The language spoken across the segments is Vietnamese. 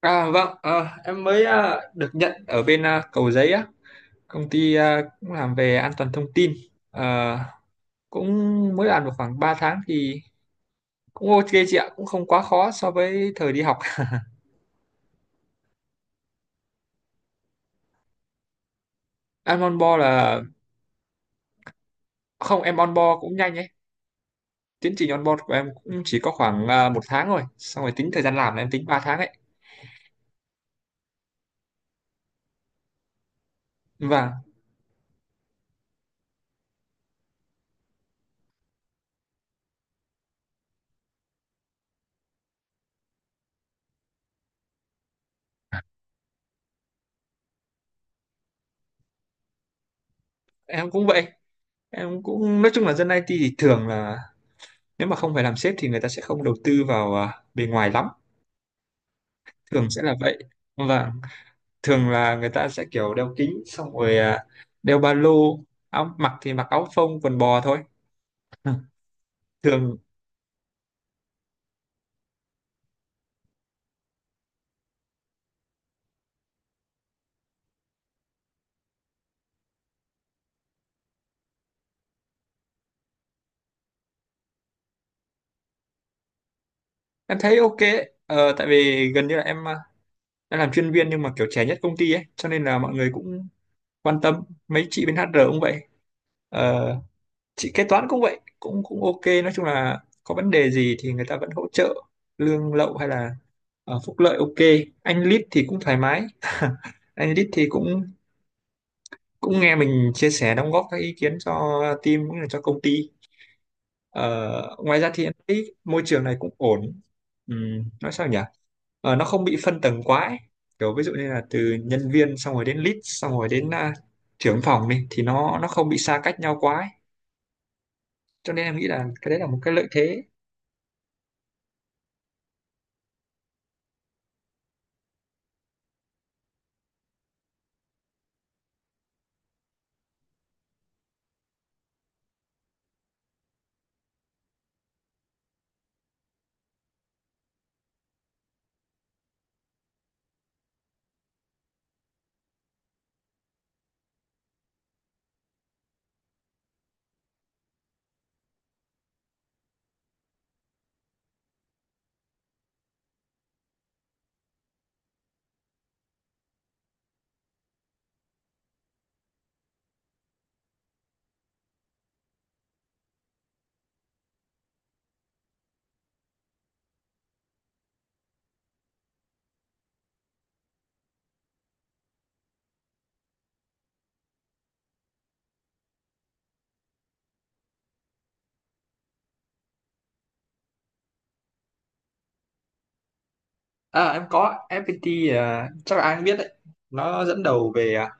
À vâng, em mới được nhận ở bên Cầu Giấy á, công ty cũng làm về an toàn thông tin. Ờ, Cũng mới làm được khoảng 3 tháng thì cũng ok chị ạ, cũng không quá khó so với thời đi học. Em on board là không, em on board cũng nhanh ấy. Tiến trình on board của em cũng chỉ có khoảng một tháng rồi, xong rồi tính thời gian làm là em tính 3 tháng ấy. Và em cũng vậy, em cũng nói chung là dân IT thì thường là nếu mà không phải làm sếp thì người ta sẽ không đầu tư vào bề ngoài lắm, thường sẽ là vậy. Vâng, thường là người ta sẽ kiểu đeo kính xong rồi, đeo ba lô, áo mặc thì mặc áo phông quần bò thôi. Ừ. Thường em thấy ok ấy. Ờ, Tại vì gần như là em làm chuyên viên nhưng mà kiểu trẻ nhất công ty ấy cho nên là mọi người cũng quan tâm, mấy chị bên HR cũng vậy. Ờ, chị kế toán cũng vậy, cũng cũng ok, nói chung là có vấn đề gì thì người ta vẫn hỗ trợ lương lậu hay là phúc lợi ok. Anh lead thì cũng thoải mái anh lead thì cũng cũng nghe mình chia sẻ đóng góp các ý kiến cho team cũng như là cho công ty. Ngoài ra thì em thấy môi trường này cũng ổn. Nói sao nhỉ. Nó không bị phân tầng quá ấy, kiểu ví dụ như là từ nhân viên xong rồi đến lead xong rồi đến trưởng phòng đi thì nó không bị xa cách nhau quá ấy, cho nên em nghĩ là cái đấy là một cái lợi thế. Em có FPT, chắc là ai cũng biết đấy, nó dẫn đầu về,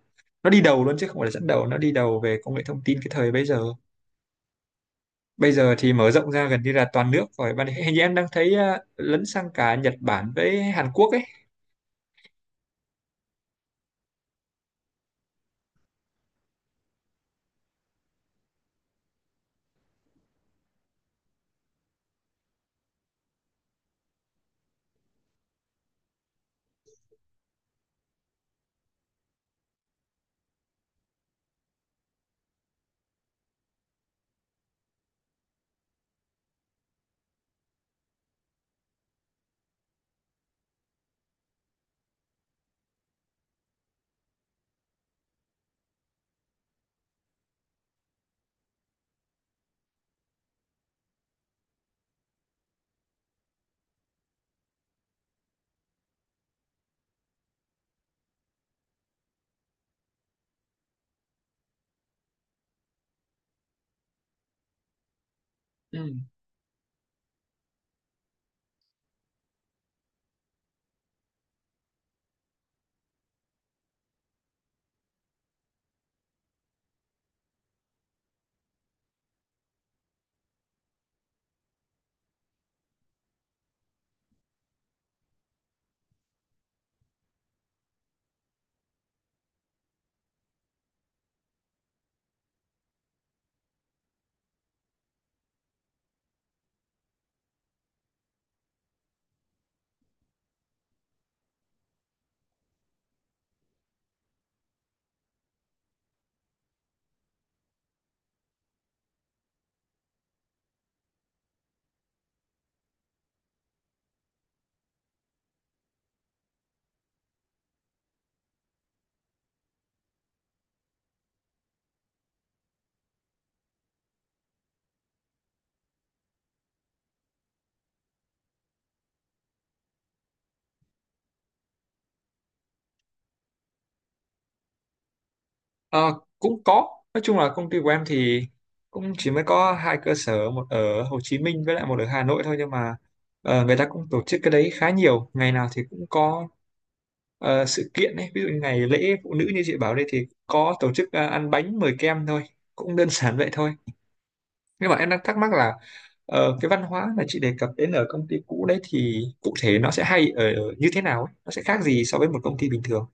nó đi đầu luôn chứ không phải là dẫn đầu, nó đi đầu về công nghệ thông tin cái thời bây giờ. Bây giờ thì mở rộng ra gần như là toàn nước rồi, bạn hình như em đang thấy lấn sang cả Nhật Bản với Hàn Quốc ấy. Ừ. Ờ, Cũng có, nói chung là công ty của em thì cũng chỉ mới có hai cơ sở, một ở Hồ Chí Minh với lại một ở Hà Nội thôi, nhưng mà người ta cũng tổ chức cái đấy khá nhiều, ngày nào thì cũng có sự kiện ấy, ví dụ như ngày lễ phụ nữ như chị bảo đây thì có tổ chức ăn bánh mời kem thôi, cũng đơn giản vậy thôi. Nhưng mà em đang thắc mắc là cái văn hóa mà chị đề cập đến ở công ty cũ đấy thì cụ thể nó sẽ hay ở như thế nào ấy? Nó sẽ khác gì so với một công ty bình thường?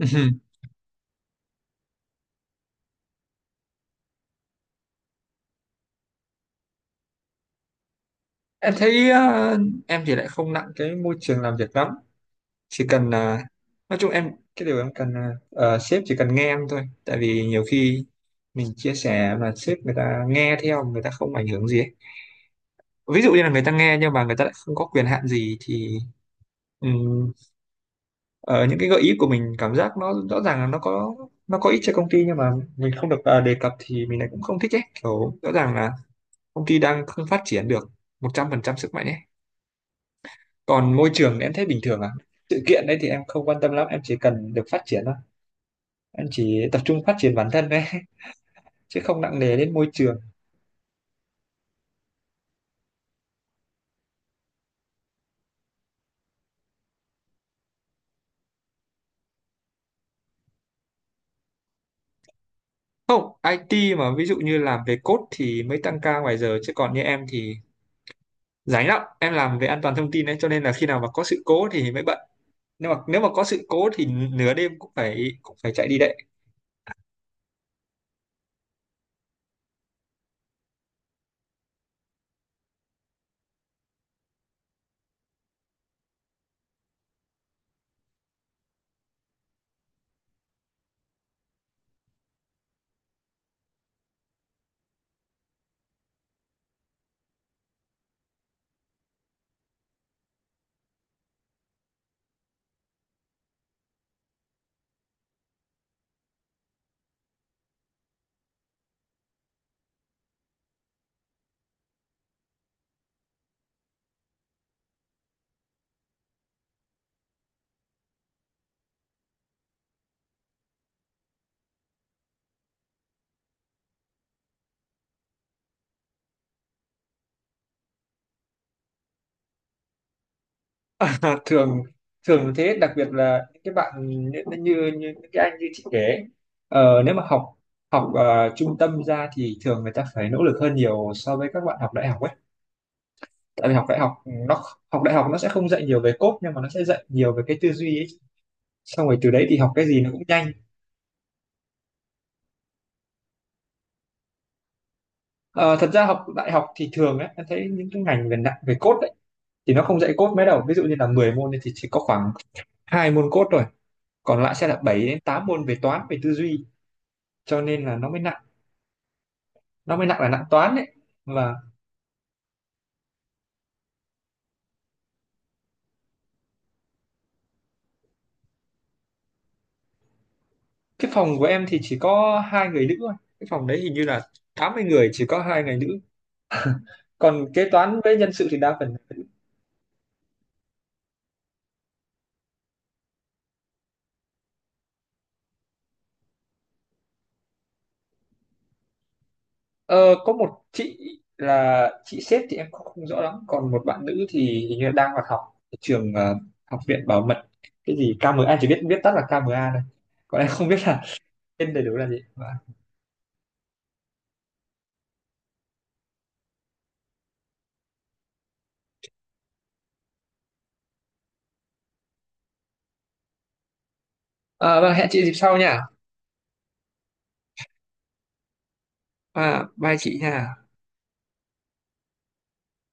Ừm. em thấy ờ, em thì lại không nặng cái môi trường làm việc lắm, chỉ cần nói chung em cái điều em cần là sếp chỉ cần nghe em thôi, tại vì nhiều khi mình chia sẻ mà sếp người ta nghe theo người ta không ảnh hưởng gì ấy, ví dụ như là người ta nghe nhưng mà người ta lại không có quyền hạn gì thì. Ờ, những cái gợi ý của mình cảm giác nó rõ ràng là nó có ích cho công ty nhưng mà mình không được đề cập thì mình lại cũng không thích ấy, kiểu rõ ràng là công ty đang không phát triển được 100% sức mạnh ấy. Còn môi trường thì em thấy bình thường à, sự kiện đấy thì em không quan tâm lắm, em chỉ cần được phát triển thôi, em chỉ tập trung phát triển bản thân đấy chứ không nặng nề đến môi trường. Không, IT mà ví dụ như làm về code thì mới tăng ca ngoài giờ chứ còn như em thì rảnh lắm, em làm về an toàn thông tin đấy cho nên là khi nào mà có sự cố thì mới bận, nhưng mà nếu mà có sự cố thì nửa đêm cũng phải chạy đi đấy. À, thường thường thế, đặc biệt là những cái bạn như như, như những cái anh như chị kể ấy, nếu mà học học ờ, trung tâm ra thì thường người ta phải nỗ lực hơn nhiều so với các bạn học đại học ấy, tại vì học đại học nó sẽ không dạy nhiều về code nhưng mà nó sẽ dạy nhiều về cái tư duy ấy, xong rồi từ đấy thì học cái gì nó cũng nhanh. Ờ, Thật ra học đại học thì thường ấy, em thấy những cái ngành về nặng về code ấy thì nó không dạy code mấy đâu, ví dụ như là 10 môn thì chỉ có khoảng hai môn code thôi, còn lại sẽ là 7 đến 8 môn về toán về tư duy, cho nên là nó mới nặng, nó mới nặng là nặng toán đấy. Và cái phòng của em thì chỉ có hai người nữ thôi, cái phòng đấy hình như là 80 người, chỉ có hai người nữ, còn kế toán với nhân sự thì đa phần là nữ. Ờ, có một chị là chị sếp thì em không rõ lắm, còn một bạn nữ thì hình như là đang hoạt học ở trường, học viện bảo mật cái gì KMA, anh chỉ biết biết tắt là KMA thôi, còn em không biết là tên đầy đủ là gì. Và ờ, vâng, hẹn chị dịp sau nha. À, bye chị nha.